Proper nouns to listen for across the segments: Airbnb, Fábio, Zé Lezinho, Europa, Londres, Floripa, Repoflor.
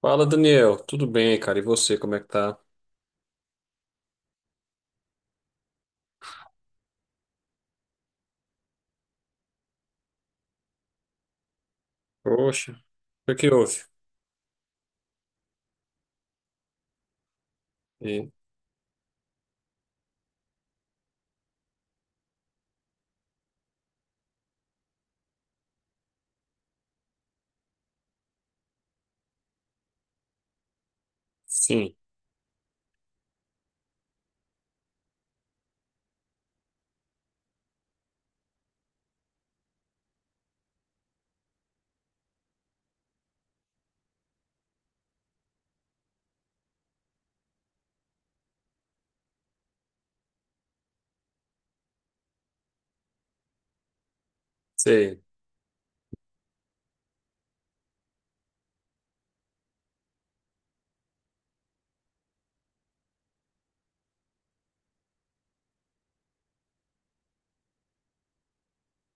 Fala, Daniel. Tudo bem, cara? E você, como é que tá? Poxa, o que que houve? E- sim, sei.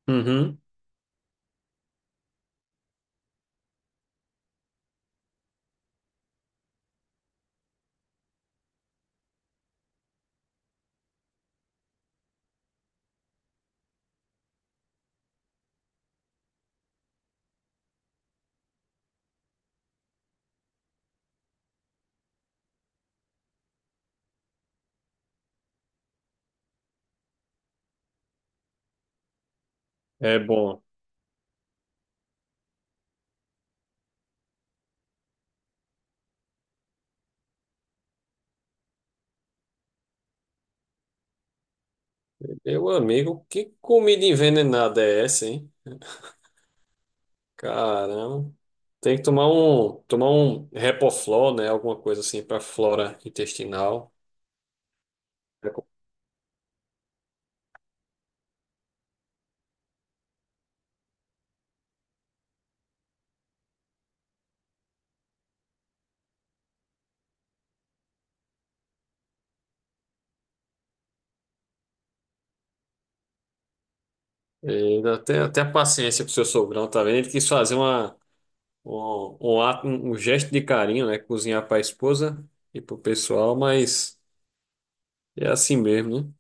Uhum, é bom. Meu amigo, que comida envenenada é essa, hein? Caramba. Tem que tomar tomar um Repoflor, né? Alguma coisa assim pra flora intestinal. É com- E até a paciência pro seu sogrão, tá vendo? Ele quis fazer um ato, um gesto de carinho, né? Cozinhar pra esposa e pro pessoal, mas é assim mesmo, né?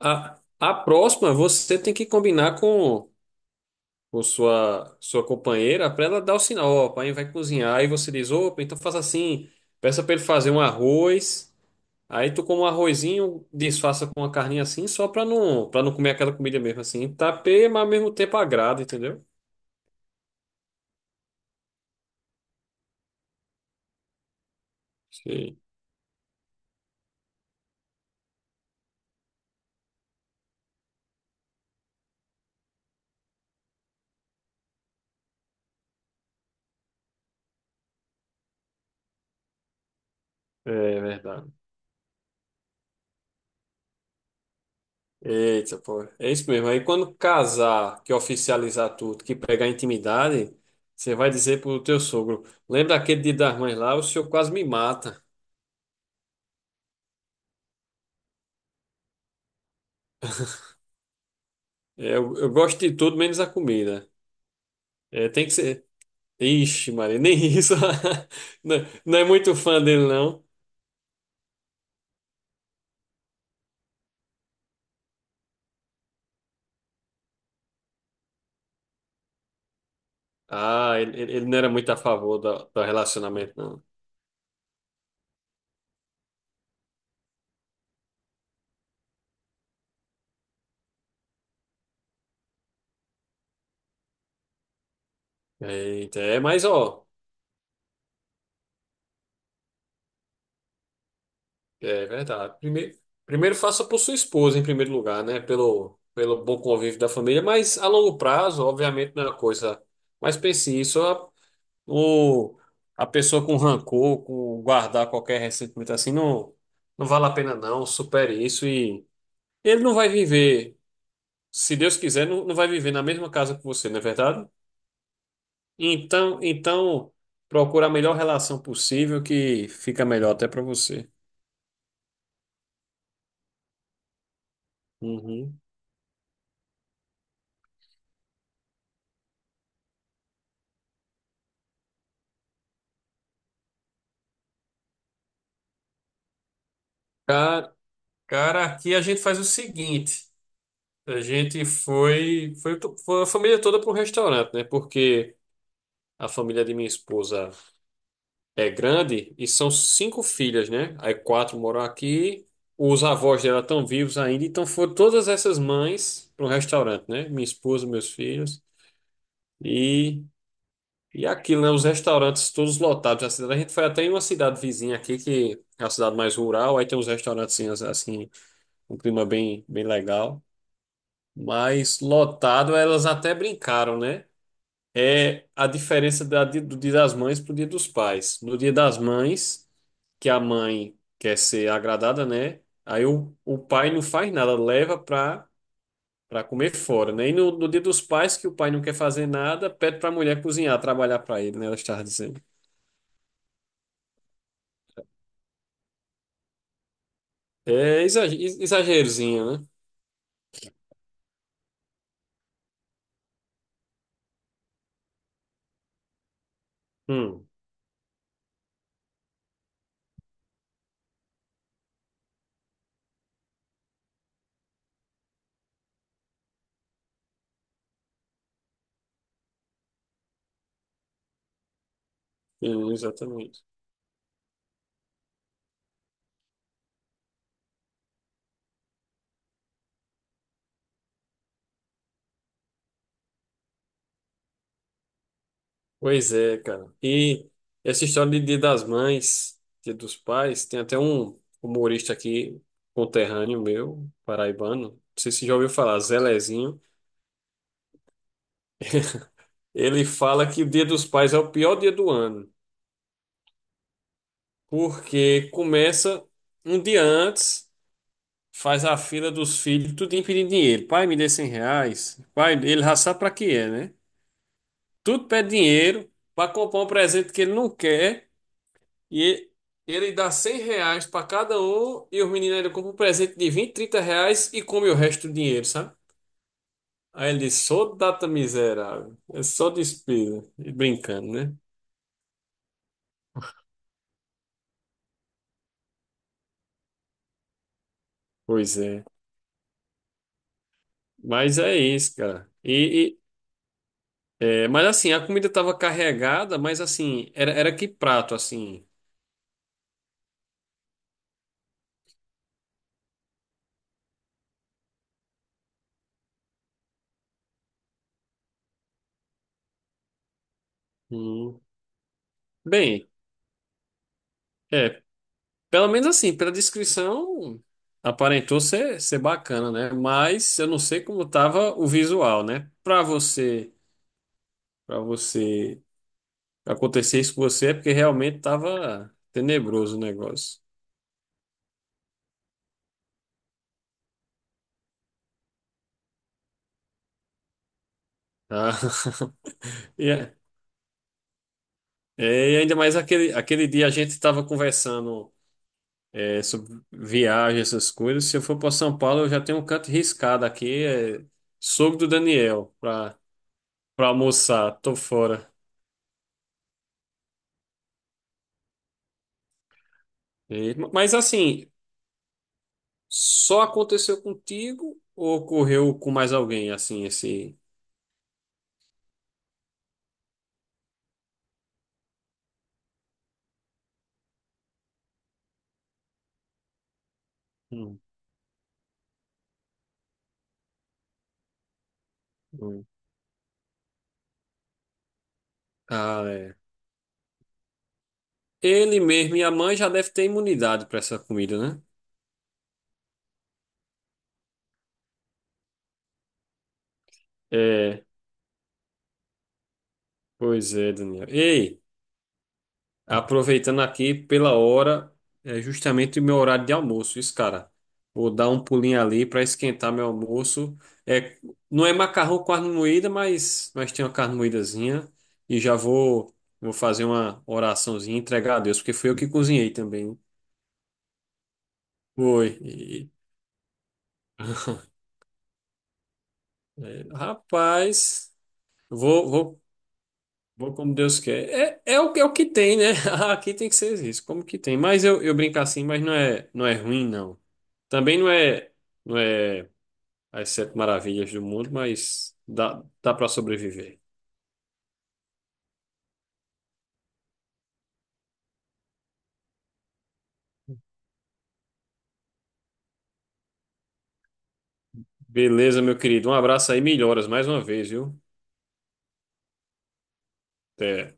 A próxima você tem que combinar com sua companheira para ela dar o sinal, ó, o pai vai cozinhar e você diz, opa, então faça assim, peça para ele fazer um arroz, aí tu come um arrozinho, disfarça com uma carninha assim, só para não comer aquela comida mesmo assim, tapeia, mas ao mesmo tempo agrada, entendeu? Sim, é verdade. Eita, pô. É isso mesmo. Aí quando casar, que oficializar tudo, que pegar intimidade, você vai dizer pro teu sogro, lembra aquele Dia das Mães lá, o senhor quase me mata. É, eu gosto de tudo menos a comida. É, tem que ser. Ixi, Maria, nem isso. Não, não é muito fã dele, não. Ah, ele não era muito a favor do relacionamento, não. Eita, é, mas ó. É verdade. Primeiro, primeiro faça por sua esposa, em primeiro lugar, né? Pelo bom convívio da família, mas a longo prazo, obviamente, não é uma coisa. Mas pense isso, o, a pessoa com rancor, com guardar qualquer ressentimento assim, não, não vale a pena, não. Supere isso e ele não vai viver, se Deus quiser, não, não vai viver na mesma casa que você, não é verdade? Então, então procura a melhor relação possível que fica melhor até para você. Uhum. Cara, aqui a gente faz o seguinte: a gente foi a família toda pro restaurante, né? Porque a família de minha esposa é grande e são cinco filhas, né? Aí quatro moram aqui, os avós dela estão vivos ainda, então foram todas essas mães pro restaurante, né? Minha esposa, meus filhos e, e aquilo, né? Os restaurantes todos lotados na cidade. A gente foi até em uma cidade vizinha aqui, que é a cidade mais rural, aí tem uns restaurantes assim, um clima bem, bem legal. Mas lotado, elas até brincaram, né? É a diferença do Dia das Mães pro Dia dos Pais. No Dia das Mães, que a mãe quer ser agradada, né? Aí o pai não faz nada, leva para comer fora, né? E no Dia dos Pais, que o pai não quer fazer nada, pede para a mulher cozinhar, trabalhar para ele, né? Ela estava dizendo. Exagerozinho, né? Hum, sim, exatamente. Pois é, cara. E essa história de Dia das Mães, Dia dos Pais, tem até um humorista aqui, conterrâneo meu, paraibano, não sei se já ouviu falar, Zé Lezinho. Ele fala que o Dia dos Pais é o pior dia do ano, porque começa um dia antes, faz a fila dos filhos, tudo pedindo dinheiro. Pai, me dê R$ 100. Pai, ele já sabe pra que é, né? Tudo pede dinheiro para comprar um presente que ele não quer. E ele dá R$ 100 pra cada um e os meninos ele compra um presente de R$ 20, R$ 30 e come o resto do dinheiro, sabe? Aí ele disse, só data miserável, é só despesa. E brincando, né? Pois é. Mas é isso, cara. É, mas assim, a comida tava carregada, mas assim, era que prato, assim? Hum. Bem, é, pelo menos assim, pela descrição, aparentou ser bacana, né? Mas eu não sei como tava o visual, né? Pra você. Para você acontecer isso com você é porque realmente estava tenebroso o negócio. Ah, e, é- é, e ainda mais aquele dia a gente estava conversando é, sobre viagem, essas coisas. Se eu for para São Paulo, eu já tenho um canto riscado aqui, é, sogro do Daniel, para almoçar, tô fora. Mas assim, só aconteceu contigo ou ocorreu com mais alguém assim esse? Hum, hum. Ah, é. Ele mesmo e a mãe já deve ter imunidade para essa comida, né? É, pois é, Daniel. Ei, aproveitando aqui pela hora, é justamente o meu horário de almoço, isso, cara. Vou dar um pulinho ali para esquentar meu almoço. É, não é macarrão com carne moída, mas tem uma carne moídazinha. E já vou fazer uma oraçãozinha e entregar a Deus, porque fui eu que cozinhei também. Foi. É, rapaz, vou, vou vou como Deus quer. É o que tem, né? Aqui tem que ser isso, como que tem. Mas eu brinco assim, mas não é, não é ruim, não. Também não é, não é as sete maravilhas do mundo, mas dá, dá para sobreviver. Beleza, meu querido. Um abraço aí, melhoras mais uma vez, viu? Até.